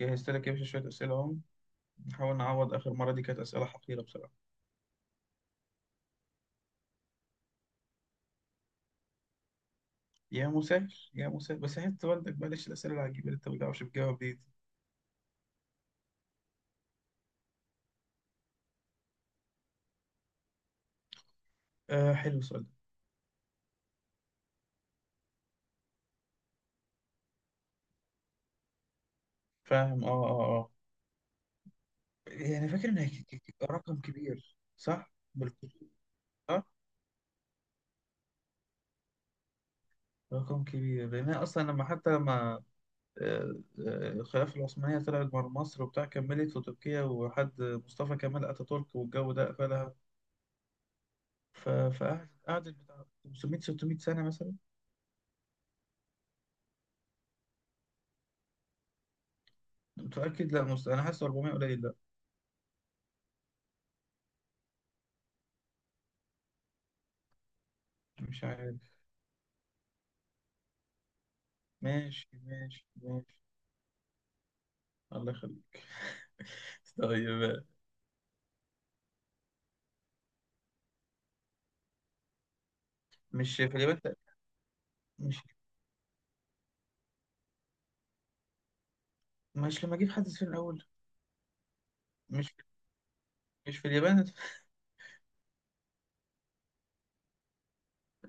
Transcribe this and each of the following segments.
جهزت لك يا باشا شوية أسئلة. أهم نحاول نعوض آخر مرة، دي كانت أسئلة حقيرة بصراحة. يا مسهل يا مسهل، بس حياة والدك بلاش الأسئلة العجيبة اللي أنت ما بتعرفش تجاوب دي. آه، حلو السؤال ده. فاهم. يعني فاكر إن رقم كبير، صح؟ بالكتير، صح؟ رقم كبير، لأن أنا أصلا لما، حتى لما آه، الخلافة العثمانية طلعت بره مصر وبتاع، كملت في تركيا، وحد مصطفى كمال أتاتورك والجو ده قفلها. فقعدت، قعدت بتاع 500 600 سنة مثلا. متأكد؟ لا، أنا حاسس 400 قليل. مش عارف. ماشي ماشي ماشي. الله يخليك. طيب. مش في اليابان؟ مش مش لما اجيب حد في الاول؟ مش مش في اليابان.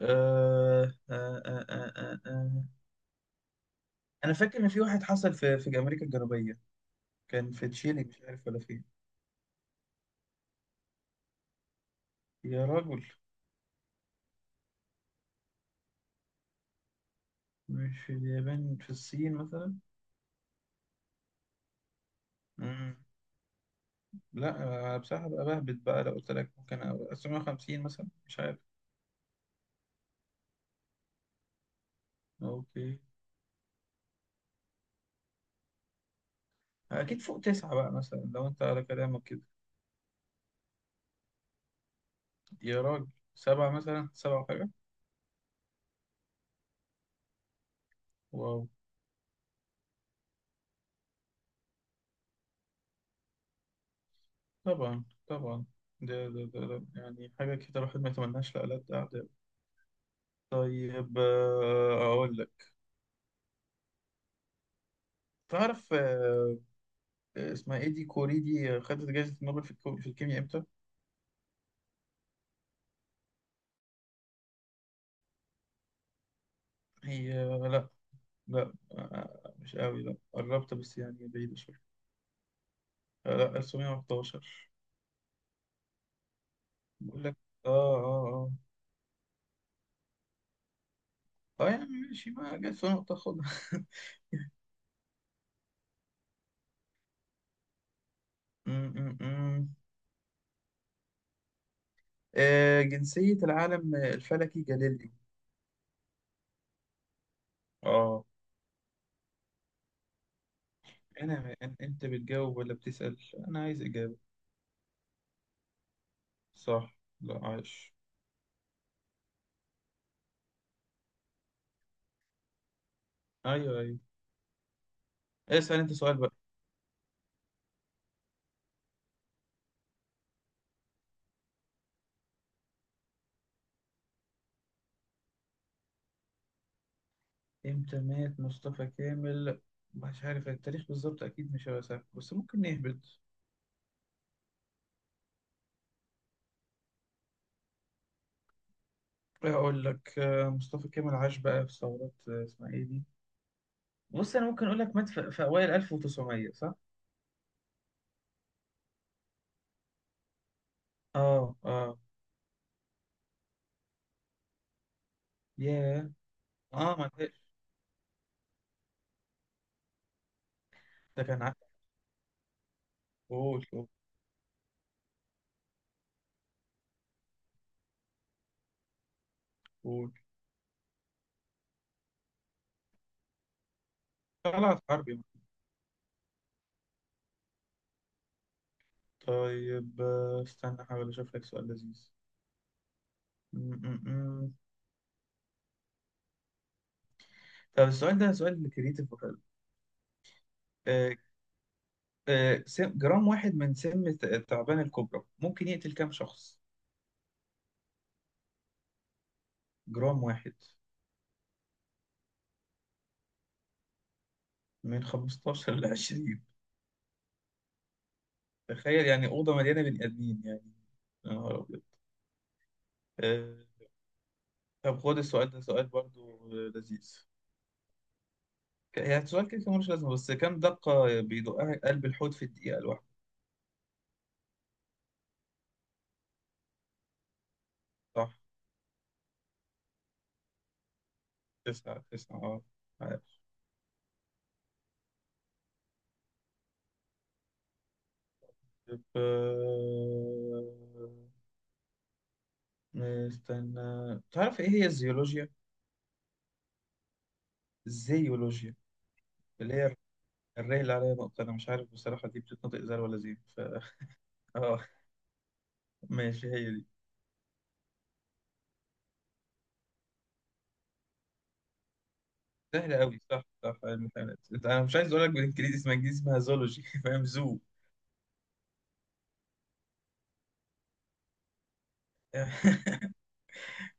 آه آه آه آه آه آه. انا فاكر ان في واحد حصل في امريكا الجنوبيه، كان في تشيلي، مش عارف ولا فين. يا راجل. مش في اليابان، في الصين مثلا. مم. لا، أنا بصراحه بقى بهبت بقى، لو قلت لك ممكن أبقى 750 مثلا، مش عارف. اوكي. اكيد فوق تسعة بقى مثلا لو انت على كلامك كده. يا راجل. سبعة مثلا، سبعة حاجة. واو. طبعا طبعا، ده يعني حاجة كده الواحد ما يتمناش لألد أعداء. طيب، أقول لك. تعرف، اسمها إيه دي، كوري دي، خدت جايزة نوبل في في الكيمياء إمتى؟ هي، لأ. لأ، مش قوي، لأ قربت بس يعني بعيدة شوية. لأ، 1911. بقول لك. آه آه. يعني ماشي، ما جت سنة تاخدها. م- م- م. جنسية العالم الفلكي جاليليو. اه. انا، انت بتجاوب ولا بتسأل؟ انا عايز اجابة. صح، لا، عايش. ايوه ايوه. اسأل انت سؤال بقى. امتى مات مصطفى كامل؟ مش عارف التاريخ بالظبط، اكيد مش هيبقى سهل، بس ممكن نهبط. اقول لك، مصطفى كامل عاش بقى في ثورات، اسمها ايه دي. بص، انا ممكن اقول لك مات في اوائل 1900، صح. اه اه. ياه. اه، ما تقلقش. ده كان عارف. قول قول. قول. طلعت حربي. طيب، استنى احاول اشوف لك سؤال لذيذ. طب السؤال ده سؤال كريتيف وحلو. آه، جرام واحد من سم التعبان الكبرى ممكن يقتل كام شخص؟ جرام واحد. من 15 ل 20. تخيل يعني أوضة مليانة بني آدمين يعني. يا نهار أبيض. آه، طب خد السؤال ده سؤال برضو لذيذ. يعني سؤال كده كده ملوش لازمة، بس كام دقة بيدقها قلب الحوت في الدقيقة الواحدة؟ صح. تسعة تسعة، اه. عارف. طب، استنى. تعرف ايه هي الزيولوجيا؟ الزيولوجيا، اللي هي الراي اللي عليها نقطة. أنا مش عارف بصراحة دي بتتنطق زي ولا زين. ف آه، ماشي هي دي. سهلة أوي، صح صح، علم الحيوانات. أنا مش عايز أقول لك بالإنجليزي، اسمها إنجليزي، اسمها زولوجي. فاهم، زو.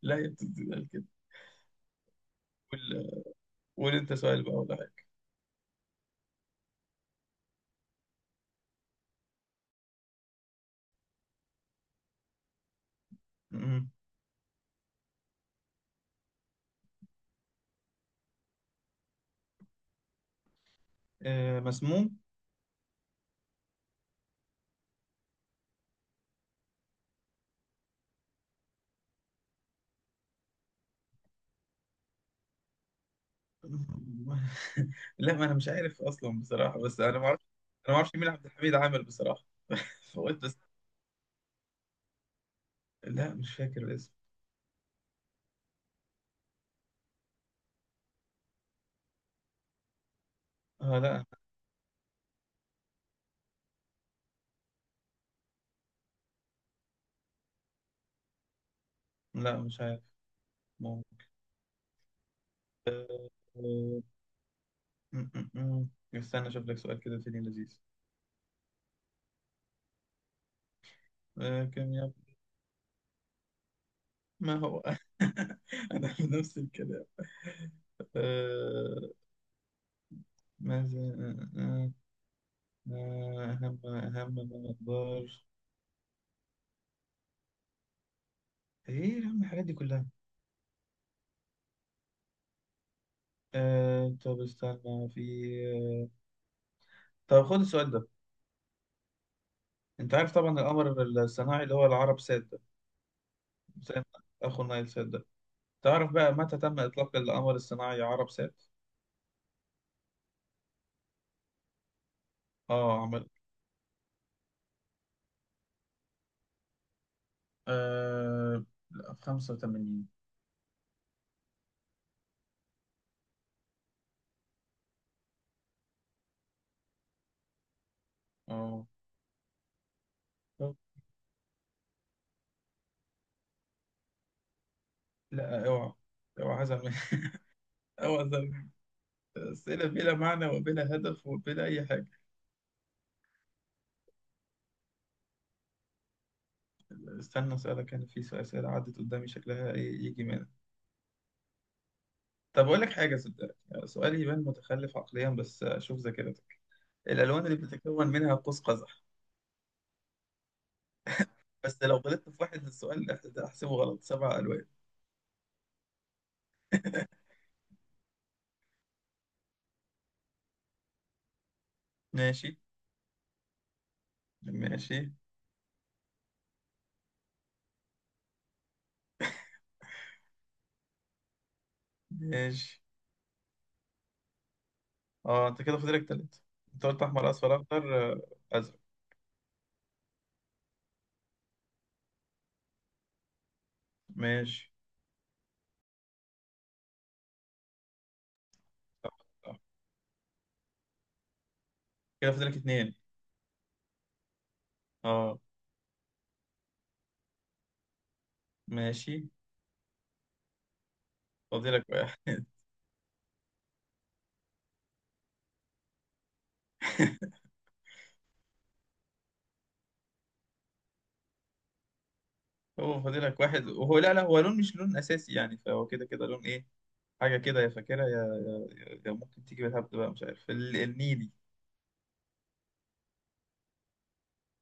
لا هي بتتقال كده. قول. قول أنت سؤال بقى ولا حاجة. أمم. مسموم. لا، ما أنا مش عارف أصلا بصراحة، بس أنا ما أعرفش. أنا ما أعرفش مين عبد الحميد عامل بصراحة. فقلت بس. لا، مش فاكر الاسم. آه، لا. لا مش عارف. ممكن. م- م- م. استنى اشوف لك سؤال كده تاني لذيذ. آه، كم يا ما هو. انا في نفس الكلام. آه، ماذا اهم اهم ما اقدر. ايه يا عم الحاجات دي كلها. طب استنى في آه، طب خد السؤال ده. انت عارف طبعا القمر الصناعي اللي هو العرب سات ده، زي ما اخو نايل سات ده. تعرف بقى متى تم اطلاق القمر الصناعي عرب سات؟ اه. عمل، آه، لا، في 85. اه. لا، اوعى. اوعى عايز اعمل. اوعى عايز أعمل. اسئله بلا معنى وبلا هدف وبلا اي حاجه. استنى اسالك، انا في اسئله عدت قدامي شكلها إيه يجي منها. طب اقول لك حاجه، صدقني سؤال يبان متخلف عقليا، بس شوف ذاكرتك. الالوان اللي بتتكون منها قوس قزح. بس لو غلطت في واحد من السؤال ده احسبه غلط. سبع الوان. ماشي ماشي ماشي. اه، انت كده فاضلك تلاتة. انت قلت احمر، اصفر، اخضر، ازرق. ماشي. صح صح. كده فاضلك اتنين. اه. ماشي. فاضلك واحد. هو فاضلك واحد، وهو لا لا، هو لون مش لون اساسي يعني، فهو كده كده لون. ايه حاجه كده، يا فاكرها يا يا ممكن تيجي بالهبد بقى، مش عارف، النيلي.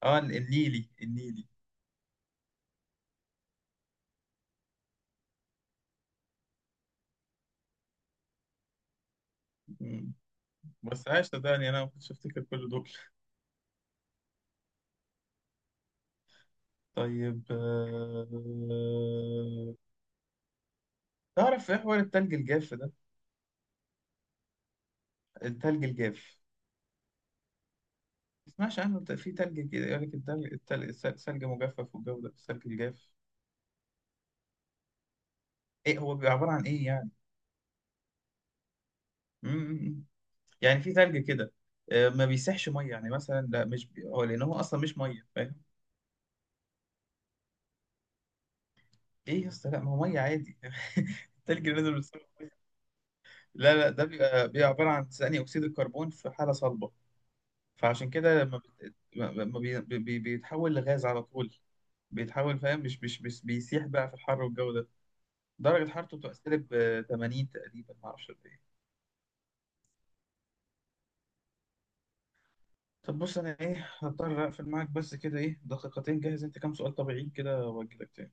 اه، النيلي النيلي. مم. بس عايش صدقني انا ما كنتش افتكر كل دول. طيب، تعرف ايه حوار التلج الجاف ده؟ التلج الجاف. ما تسمعش عنه؟ في تلج كده يقول لك التلج، سلج مجفف، والجو ده التلج الجاف. ايه هو بيبقى عباره عن ايه يعني؟ مم. يعني في ثلج كده ما بيسحش ميه، يعني مثلا. لا، مش هو، لان هو اصلا مش ميه، فاهم. ايه يا اسطى؟ لا ما هو ميه عادي. الثلج اللي نزل بالصوت. لا لا، ده بيبقى، عباره عن ثاني اكسيد الكربون في حاله صلبه. فعشان كده لما ما بيتحول لغاز على طول. بيتحول، فاهم، مش بيسيح بقى في الحر والجو ده. درجة حرارته بتبقى سالب 80 تقريبا، معرفش قد ايه. طب بص، انا ايه هضطر اقفل معاك، بس كده ايه دقيقتين جاهز انت كام سؤال طبيعيين كده واجيلك تاني.